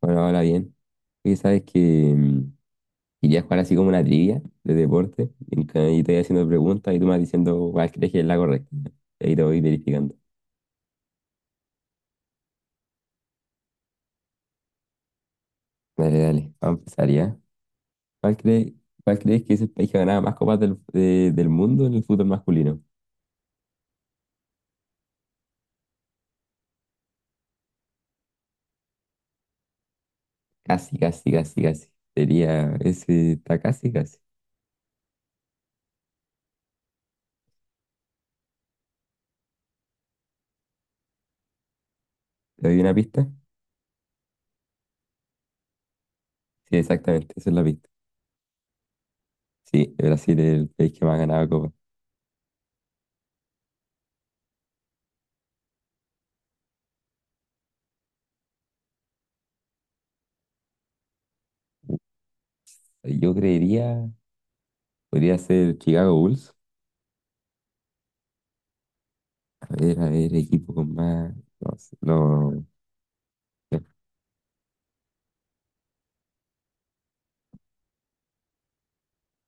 Bueno, ahora bien. Oye, sabes que mm, quería jugar así como una trivia de deporte. Y te voy haciendo preguntas y tú me vas diciendo cuál crees que es la correcta. Y ahí te voy verificando. Dale, dale. Vamos a empezar ya. ¿Cuál crees, cuál crees que es el país que ha ganado más copas del mundo en el fútbol masculino? Casi, casi, casi, casi. Sería, ese está casi, casi. ¿Te doy una pista? Sí, exactamente, esa es la pista. Sí, Brasil es el país que más ha ganado copas. Yo creería, podría ser Chicago Bulls. A ver, equipo con más. Los, los,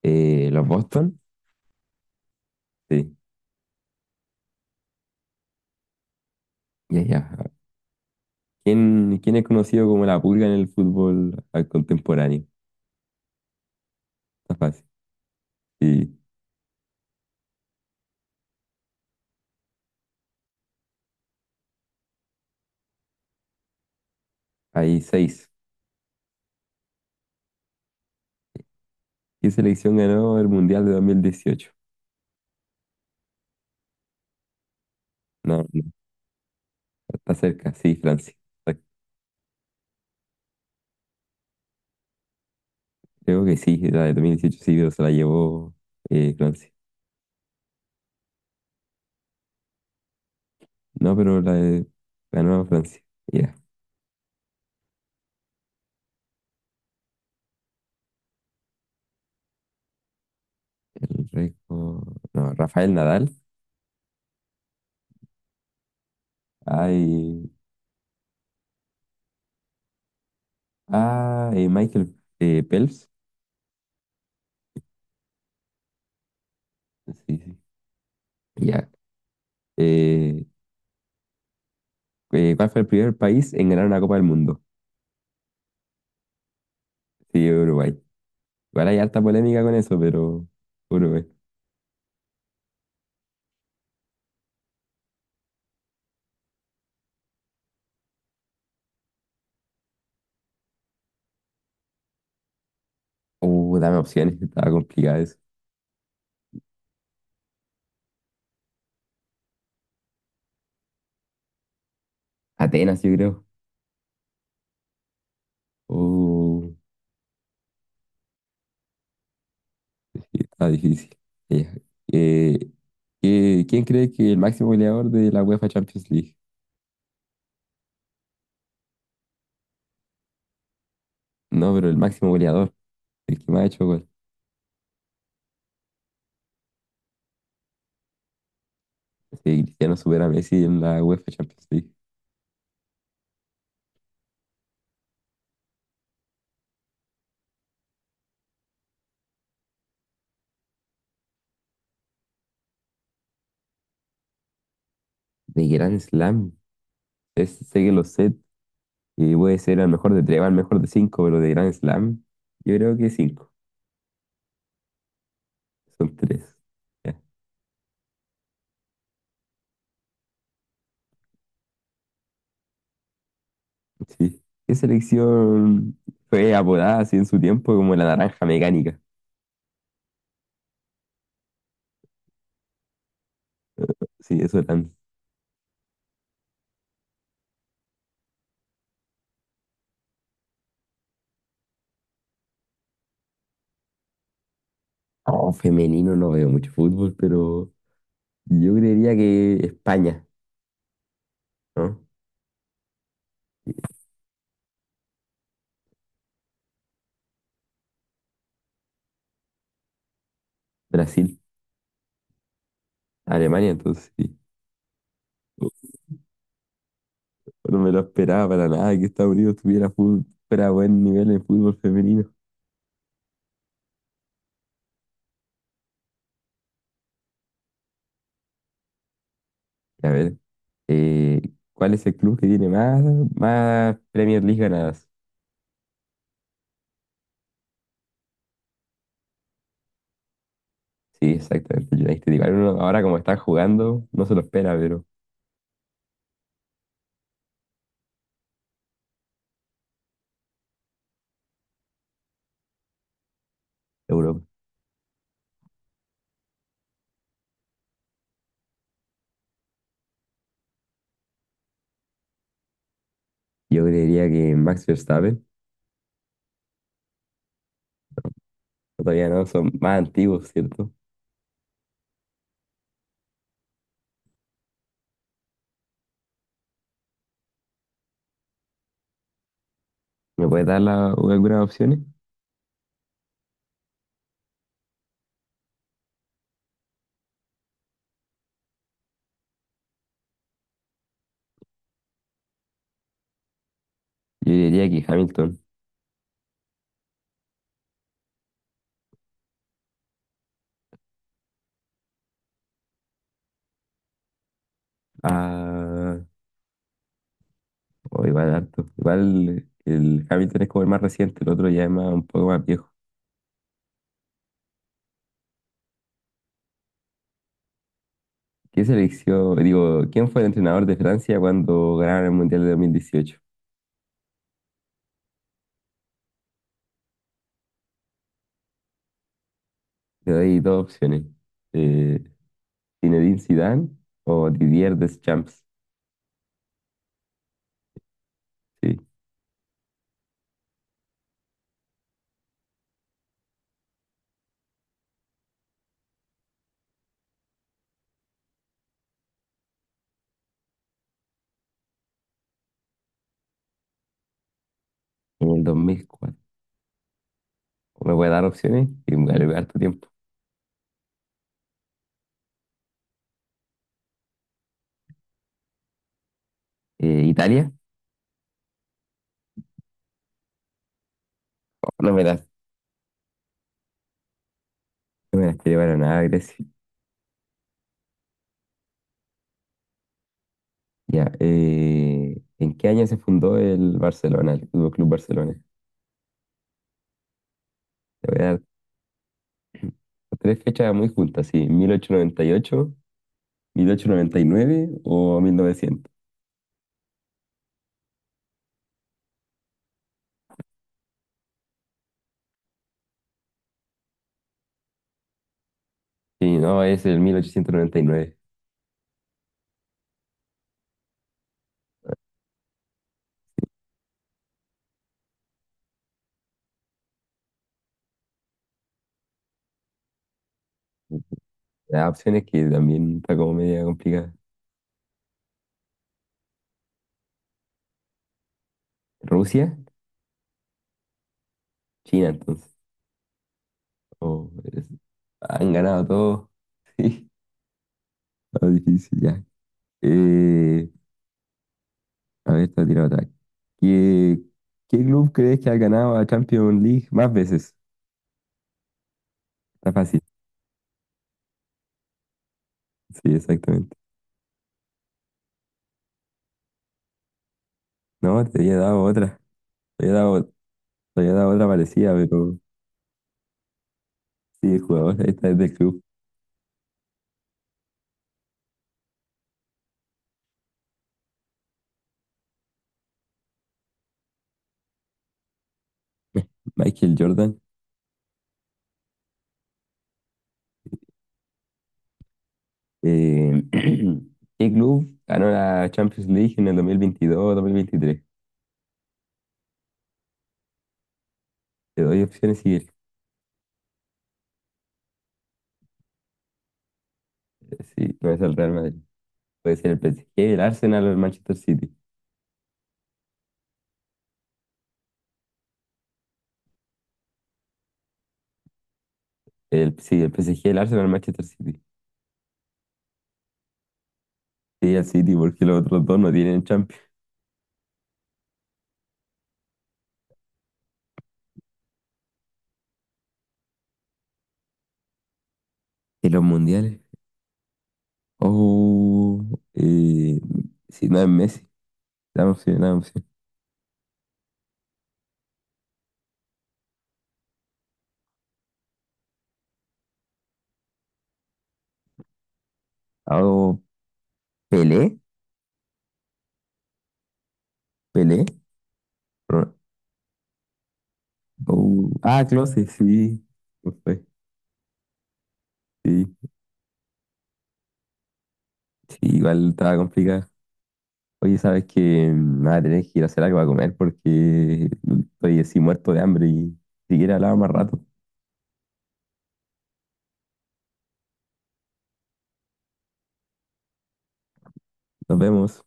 los Boston. Sí, ya, ya. ¿Quién es conocido como la pulga en el fútbol contemporáneo? Está fácil. Sí, hay seis. ¿Qué selección ganó el Mundial de 2018? No, no, está cerca, sí, Francia. Está- Creo que sí, la de 2018 sí, pero se la llevó Francia. No, pero ganó Francia. Ya, el récord. No, Rafael Nadal. Hay. Ah, Michael Phelps. Sí, sí. Ya. Eh, ¿Cuál fue el primer país en ganar una Copa del Mundo? Sí, Uruguay. Igual hay harta polémica con eso, pero Uruguay. Dame opciones, estaba complicado eso. Atenas, yo creo. Uh, Está difícil. Ya. Eh, ¿Quién cree que el máximo goleador de la UEFA Champions League? No, pero el máximo goleador, el que más ha hecho gol. Sí, Cristiano supera a Messi en la UEFA Champions League. De Grand Slam. Sé que lo sé. Y puede ser al mejor de tres, al mejor de cinco, pero de Grand Slam, yo creo que cinco. Son tres. Ya, sí. ¿Qué selección fue apodada así en su tiempo como la naranja mecánica? Sí, eso tan. Oh, femenino no veo mucho fútbol, pero yo creería que España, ¿no? Brasil, Alemania, entonces sí. Oh, no me lo esperaba para nada que Estados Unidos tuviera fútbol, fuera buen nivel en fútbol femenino. A ver, eh, ¿cuál es el club que tiene más Premier League ganadas? Sí, exactamente. Yo ahí uno ahora como están jugando, no se lo espera, pero Europa. Yo creería que Max Verstappen, todavía no, son más antiguos, ¿cierto? ¿Me puedes dar algunas opciones? Yo diría que Hamilton. Ah, o igual harto. Igual el Hamilton es como el más reciente, el otro ya es un poco más viejo. ¿Qué selección, digo, quién fue el entrenador de Francia cuando ganaron el Mundial de 2018? Te doy dos opciones. Eh, Zinedine Zidane o Didier Deschamps. Sí. En el 2004. ¿Me voy dar opciones? Y me voy a harto tiempo. ¿Italia? No, no me las quiero para nada, Grecia. Ya, ¿en qué año se fundó el Barcelona, el Fútbol Club Barcelona? Te voy a dar tres fechas muy juntas, sí, 1898, 1899 o 1900. Sí, no, es el 1899. Las opciones que también está como media complicada. ¿Rusia? China, entonces. Oh, han ganado todo. Sí, está difícil ya. Eh, A ver, te tiro otra. ¿Qué, qué club crees que ha ganado a Champions League más veces? Está fácil. Sí, exactamente. No, te había dado otra. Te había dado, te había dado otra parecida, pero sí, el jugador. Esta es del club. Michael Jordan. Eh, ¿Qué club ganó la Champions League en el 2022 o 2023? Te doy opciones si sí, no es el Real Madrid. Puede ser el PSG, el Arsenal o el Manchester City. Sí, el PSG, el Arsenal, el Manchester City. Sí, el City, porque los otros dos no tienen. ¿Y los mundiales? Oh, eh, sí, no es Messi. Dame opción, dame opción. Ah, Oh, Pelé, Pelé. Ro- oh, ah, Klose, sí. No fue. Sí, sí, igual estaba complicada. Oye, sabes que nada, tenés que ir a hacer algo para comer porque estoy así muerto de hambre y si quieres hablaba más rato. Nos vemos.